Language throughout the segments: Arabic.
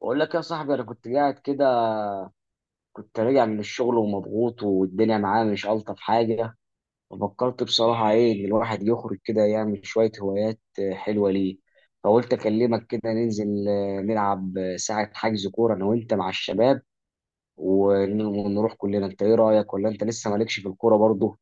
بقول لك يا صاحبي، انا كنت قاعد كده. كنت راجع من الشغل ومضغوط والدنيا معايا مش الطف حاجه. ففكرت بصراحه ايه ان الواحد يخرج كده يعمل شويه هوايات، حلوه ليه. فقلت اكلمك كده ننزل، نلعب، ساعه حجز كوره انا وانت مع الشباب. ونروح كلنا. انت ايه رايك؟ ولا انت لسه مالكش في الكوره برضه؟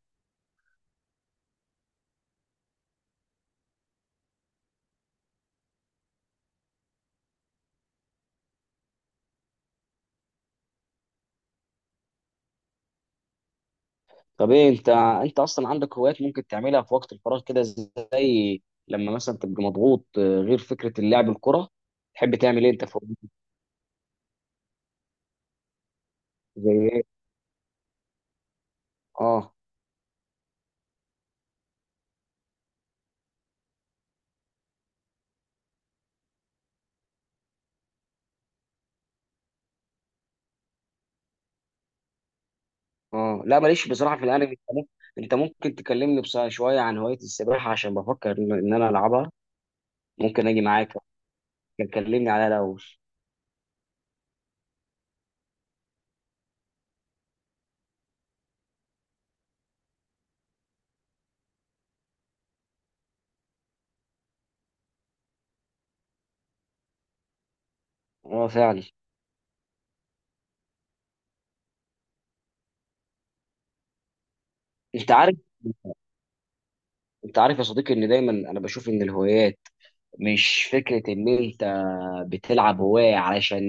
طب ايه انت اصلا عندك هوايات ممكن تعملها في وقت الفراغ كده، زي لما مثلا تبقى مضغوط، غير فكره اللعب الكوره. تحب تعمل ايه انت زي ايه؟ اه، اه. لا، ماليش بصراحه في الانمي. انت ممكن تكلمني بس شويه عن هوايه السباحه عشان بفكر ان انا العبها. ممكن اجي معاك؟ ممكن تكلمني عليها الاول؟ اه، فعلا. انت عارف انت عارف يا صديقي ان دايما انا بشوف ان الهوايات مش فكرة إن أنت بتلعب هواية علشان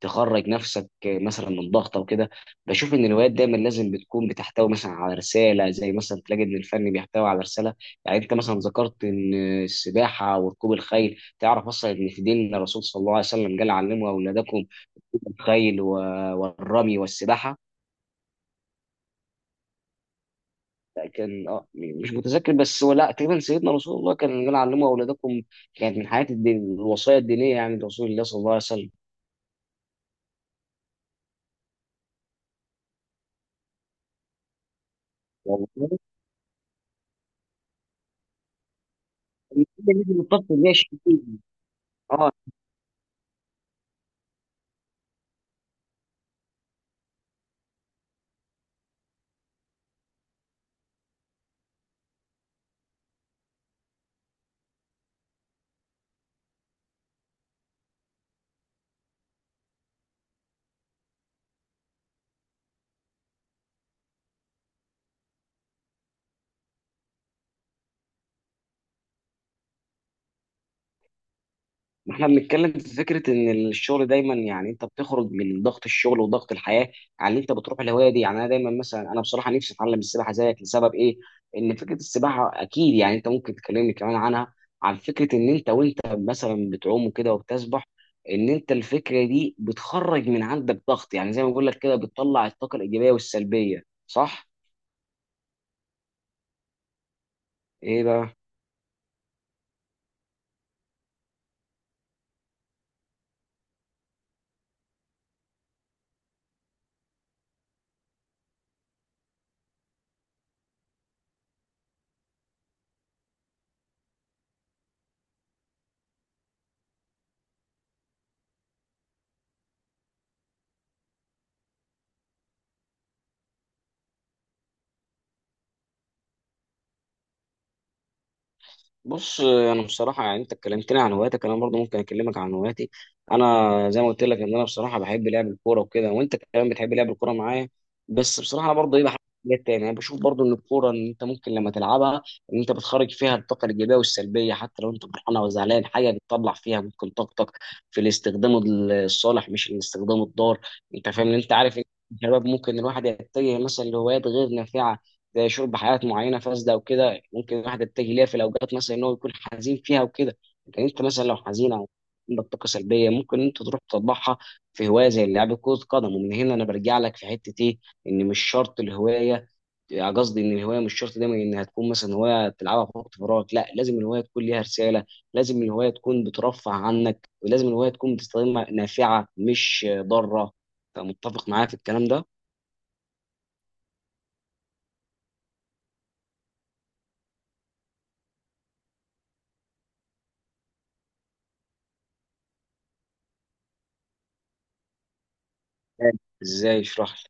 تخرج نفسك مثلا من ضغط أو كده. بشوف إن الهوايات دايما لازم بتكون بتحتوي مثلا على رسالة، زي مثلا تلاقي إن الفن بيحتوي على رسالة. يعني أنت مثلا ذكرت إن السباحة وركوب الخيل، تعرف أصلا إن في دين الرسول صلى الله عليه وسلم، قال علموا أولادكم الخيل والرمي والسباحة. كان مش متذكر، بس هو لا، تقريبا سيدنا رسول الله كان قال علموا أولادكم. كانت من حياة الدين الوصايا الدينية، يعني لرسول الله صلى الله عليه وسلم. والله نيجي نتفق، ماشي أكيد. اه، احنا بنتكلم في فكره ان الشغل دايما، يعني انت بتخرج من ضغط الشغل وضغط الحياه، على ان انت بتروح الهوايه دي. يعني انا دايما مثلا، انا بصراحه نفسي اتعلم السباحه زيك، لسبب ايه؟ ان فكره السباحه اكيد، يعني انت ممكن تكلمني كمان عنها، عن فكره ان انت، وانت مثلا بتعوم وكده وبتسبح، ان انت الفكره دي بتخرج من عندك ضغط. يعني زي ما بقول لك كده، بتطلع الطاقه الايجابيه والسلبيه، صح؟ ايه بقى؟ بص، انا بصراحه يعني انت اتكلمتني عن هواياتك، انا برضه ممكن اكلمك عن هواياتي. انا زي ما قلت لك ان انا بصراحه بحب لعب الكوره وكده، وانت كمان بتحب لعب الكوره معايا. بس بصراحه انا برضه ايه، بحب حاجات تانية، يعني بشوف برضه ان الكوره ان انت ممكن لما تلعبها ان انت بتخرج فيها الطاقه الايجابيه والسلبيه، حتى لو انت فرحان او زعلان حاجه بتطلع فيها ممكن طاقتك، في الاستخدام الصالح مش الاستخدام الضار. انت فاهم؟ ان انت عارف ان الشباب ممكن الواحد يتجه مثلا لهوايات غير نافعه، زي شرب حاجات معينه فاسده وكده، ممكن الواحد يتجه ليها في الاوقات مثلا ان هو يكون حزين فيها وكده. لكن انت مثلا لو حزين او عندك طاقه سلبيه ممكن انت تروح تطبعها في هوايه زي لعب كره قدم. ومن هنا انا برجع لك في حته ايه، ان مش شرط الهوايه، قصدي ان الهوايه مش شرط دايما انها تكون مثلا هوايه تلعبها في وقت فراغ، لا، لازم الهوايه تكون ليها رساله، لازم الهوايه تكون بترفع عنك، ولازم الهوايه تكون بتستخدمها نافعه مش ضاره. فمتفق معايا في الكلام ده؟ ازاي؟ اشرح لي.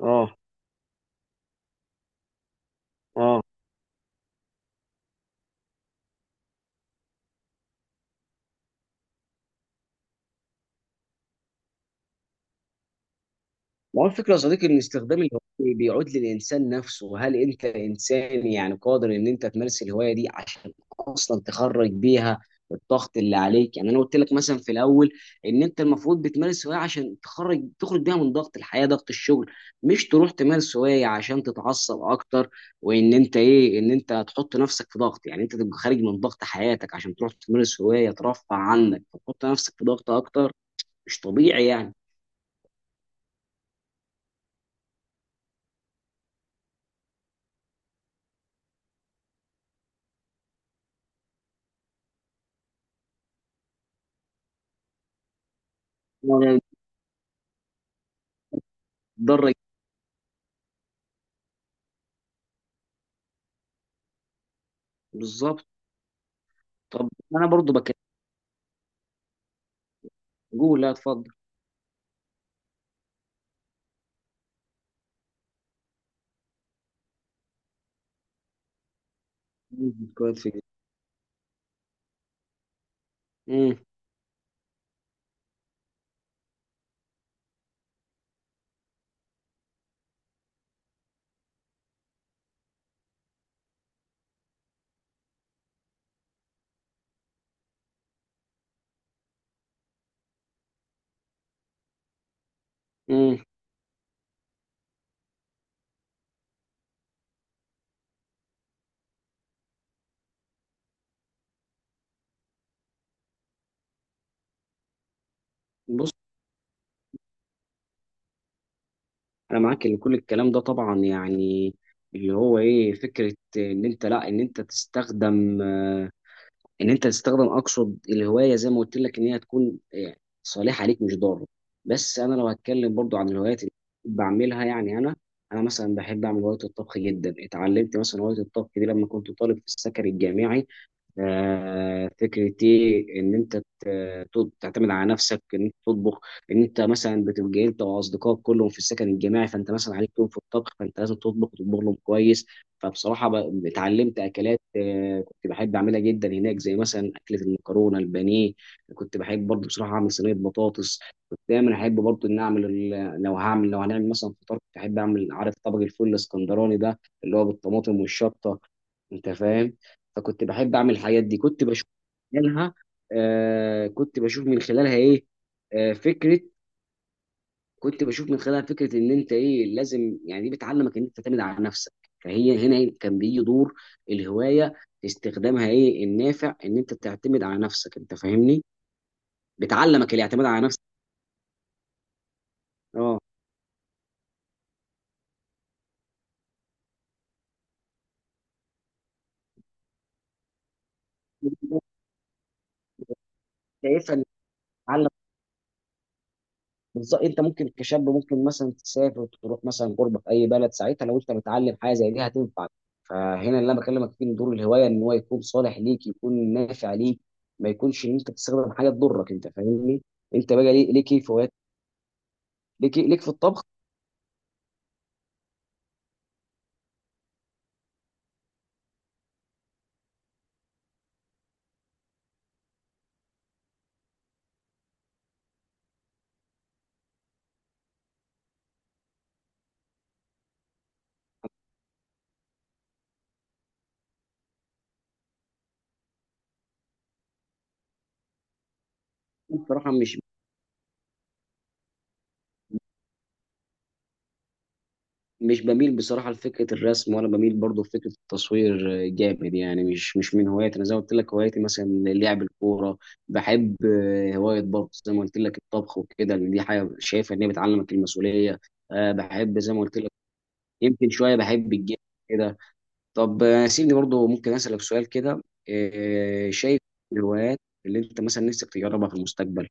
اه، اه. ما هو الفكرة يا صديقي، إن استخدام الهواية بيعود للإنسان نفسه. هل أنت إنسان يعني قادر إن أنت تمارس الهواية دي عشان أصلا تخرج بيها الضغط اللي عليك؟ يعني أنا قلت لك مثلا في الأول إن أنت المفروض بتمارس هواية عشان تخرج بيها من ضغط الحياة، ضغط الشغل. مش تروح تمارس هواية عشان تتعصب أكتر. وإن أنت إيه، إن أنت تحط نفسك في ضغط. يعني أنت تبقى خارج من ضغط حياتك عشان تروح تمارس هواية ترفع عنك، فتحط نفسك في ضغط أكتر. مش طبيعي يعني. يعني تضرك. بالظبط. طب انا برضو بكلمك. قول، لا، اتفضل. كويس في جديد. مم، مم. بص، انا معاك ان كل الكلام ده طبعا، يعني اللي هو ايه فكره ان انت، لا، ان انت تستخدم، ان انت تستخدم، اقصد الهوايه، زي ما قلت لك ان هي تكون صالحه ليك مش ضاره. بس انا لو هتكلم برضو عن الهوايات اللي بعملها، يعني انا مثلا بحب اعمل هوايه الطبخ جدا. اتعلمت مثلا هوايه الطبخ دي لما كنت طالب في السكن الجامعي. فكرة إيه إن أنت تعتمد على نفسك، إن أنت تطبخ. إن أنت مثلا بتبقى أنت وأصدقائك كلهم في السكن الجماعي، فأنت مثلا عليك يوم في الطبخ، فأنت لازم تطبخ وتطبخ لهم كويس. فبصراحة اتعلمت أكلات، كنت بحب أعملها جدا هناك، زي مثلا أكلة المكرونة البانيه. كنت بحب برضه بصراحة أعمل صينية بطاطس. كنت دايما أحب برضه إن أعمل لو هنعمل مثلا فطار، كنت أحب أعمل، عارف طبق الفول الإسكندراني ده اللي هو بالطماطم والشطة. أنت فاهم؟ فكنت بحب اعمل الحاجات دي. منها آه كنت بشوف من خلالها ايه آه فكره كنت بشوف من خلالها فكره ان انت ايه لازم، يعني دي بتعلمك ان انت تعتمد على نفسك. فهي هنا إيه، كان بيجي دور الهوايه في استخدامها ايه النافع، ان انت تعتمد على نفسك. انت فاهمني؟ بتعلمك الاعتماد على نفسك. اه، شايفها. ان بالظبط، انت ممكن كشاب ممكن مثلا تسافر، تروح مثلا غربه في اي بلد، ساعتها لو انت متعلم حاجه زي دي هتنفعك. فهنا اللي انا بكلمك فيه، ان دور الهوايه ان هو يكون صالح ليك، يكون نافع ليك، ما يكونش ان انت تستخدم حاجه تضرك. انت فاهمني؟ انت بقى ليك ايه في هوايات؟ ليك في الطبخ؟ بصراحه مش بميل بصراحة لفكرة الرسم، ولا بميل برضه لفكرة التصوير جامد يعني، مش من هواياتي. أنا زي ما قلت لك، هواياتي مثلا لعب الكورة. بحب هواية برضه زي ما قلت لك الطبخ وكده، لأن دي حاجة شايفة إن هي بتعلمك المسؤولية. بحب زي ما قلت لك، يمكن شوية بحب الجيم كده. طب، سيبني برضه ممكن أسألك سؤال كده. شايف الهوايات اللي أنت مثلا نفسك تجربها في المستقبل،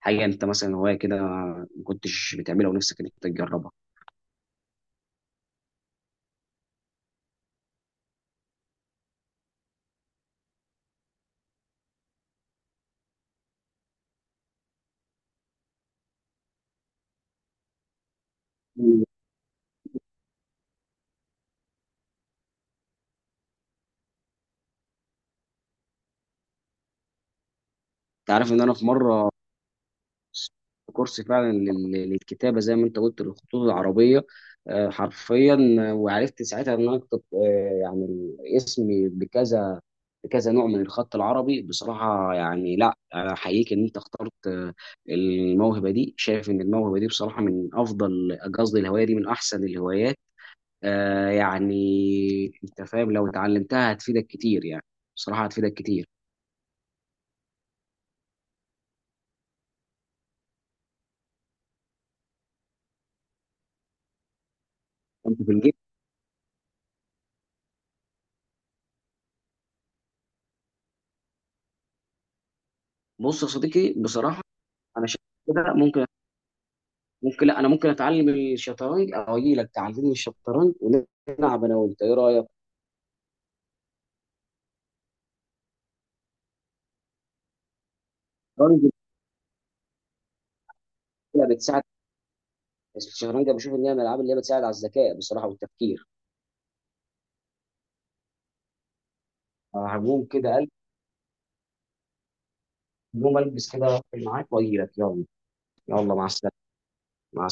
حاجة أنت مثلا هواية كده ما كنتش بتعملها ونفسك إنك تجربها. تعرف ان انا في مره كورس فعلا للكتابه زي ما انت قلت للخطوط العربيه، حرفيا. وعرفت ساعتها ان انا اكتب، يعني اسمي بكذا بكذا نوع من الخط العربي. بصراحه يعني، لا، انا احييك ان انت اخترت الموهبه دي. شايف ان الموهبه دي بصراحه من افضل، قصدي الهوايه دي من احسن الهوايات. يعني انت فاهم لو اتعلمتها هتفيدك كتير يعني. بصراحه هتفيدك كتير. انت في الجيش. بص يا صديقي بصراحه، انا شايف كده، ممكن لا، انا ممكن اتعلم الشطرنج، او اجي لك تعلمني الشطرنج، ونلعب انا وانت، ايه رايك؟ الشطرنج بتساعد الشطرنج بشوف ان هي من الالعاب اللي هي بتساعد على الذكاء بصراحه والتفكير. هقوم كده قلب، يوم البس كده، أقفل معاك واجي لك، يلا. يلا، مع السلامه. مع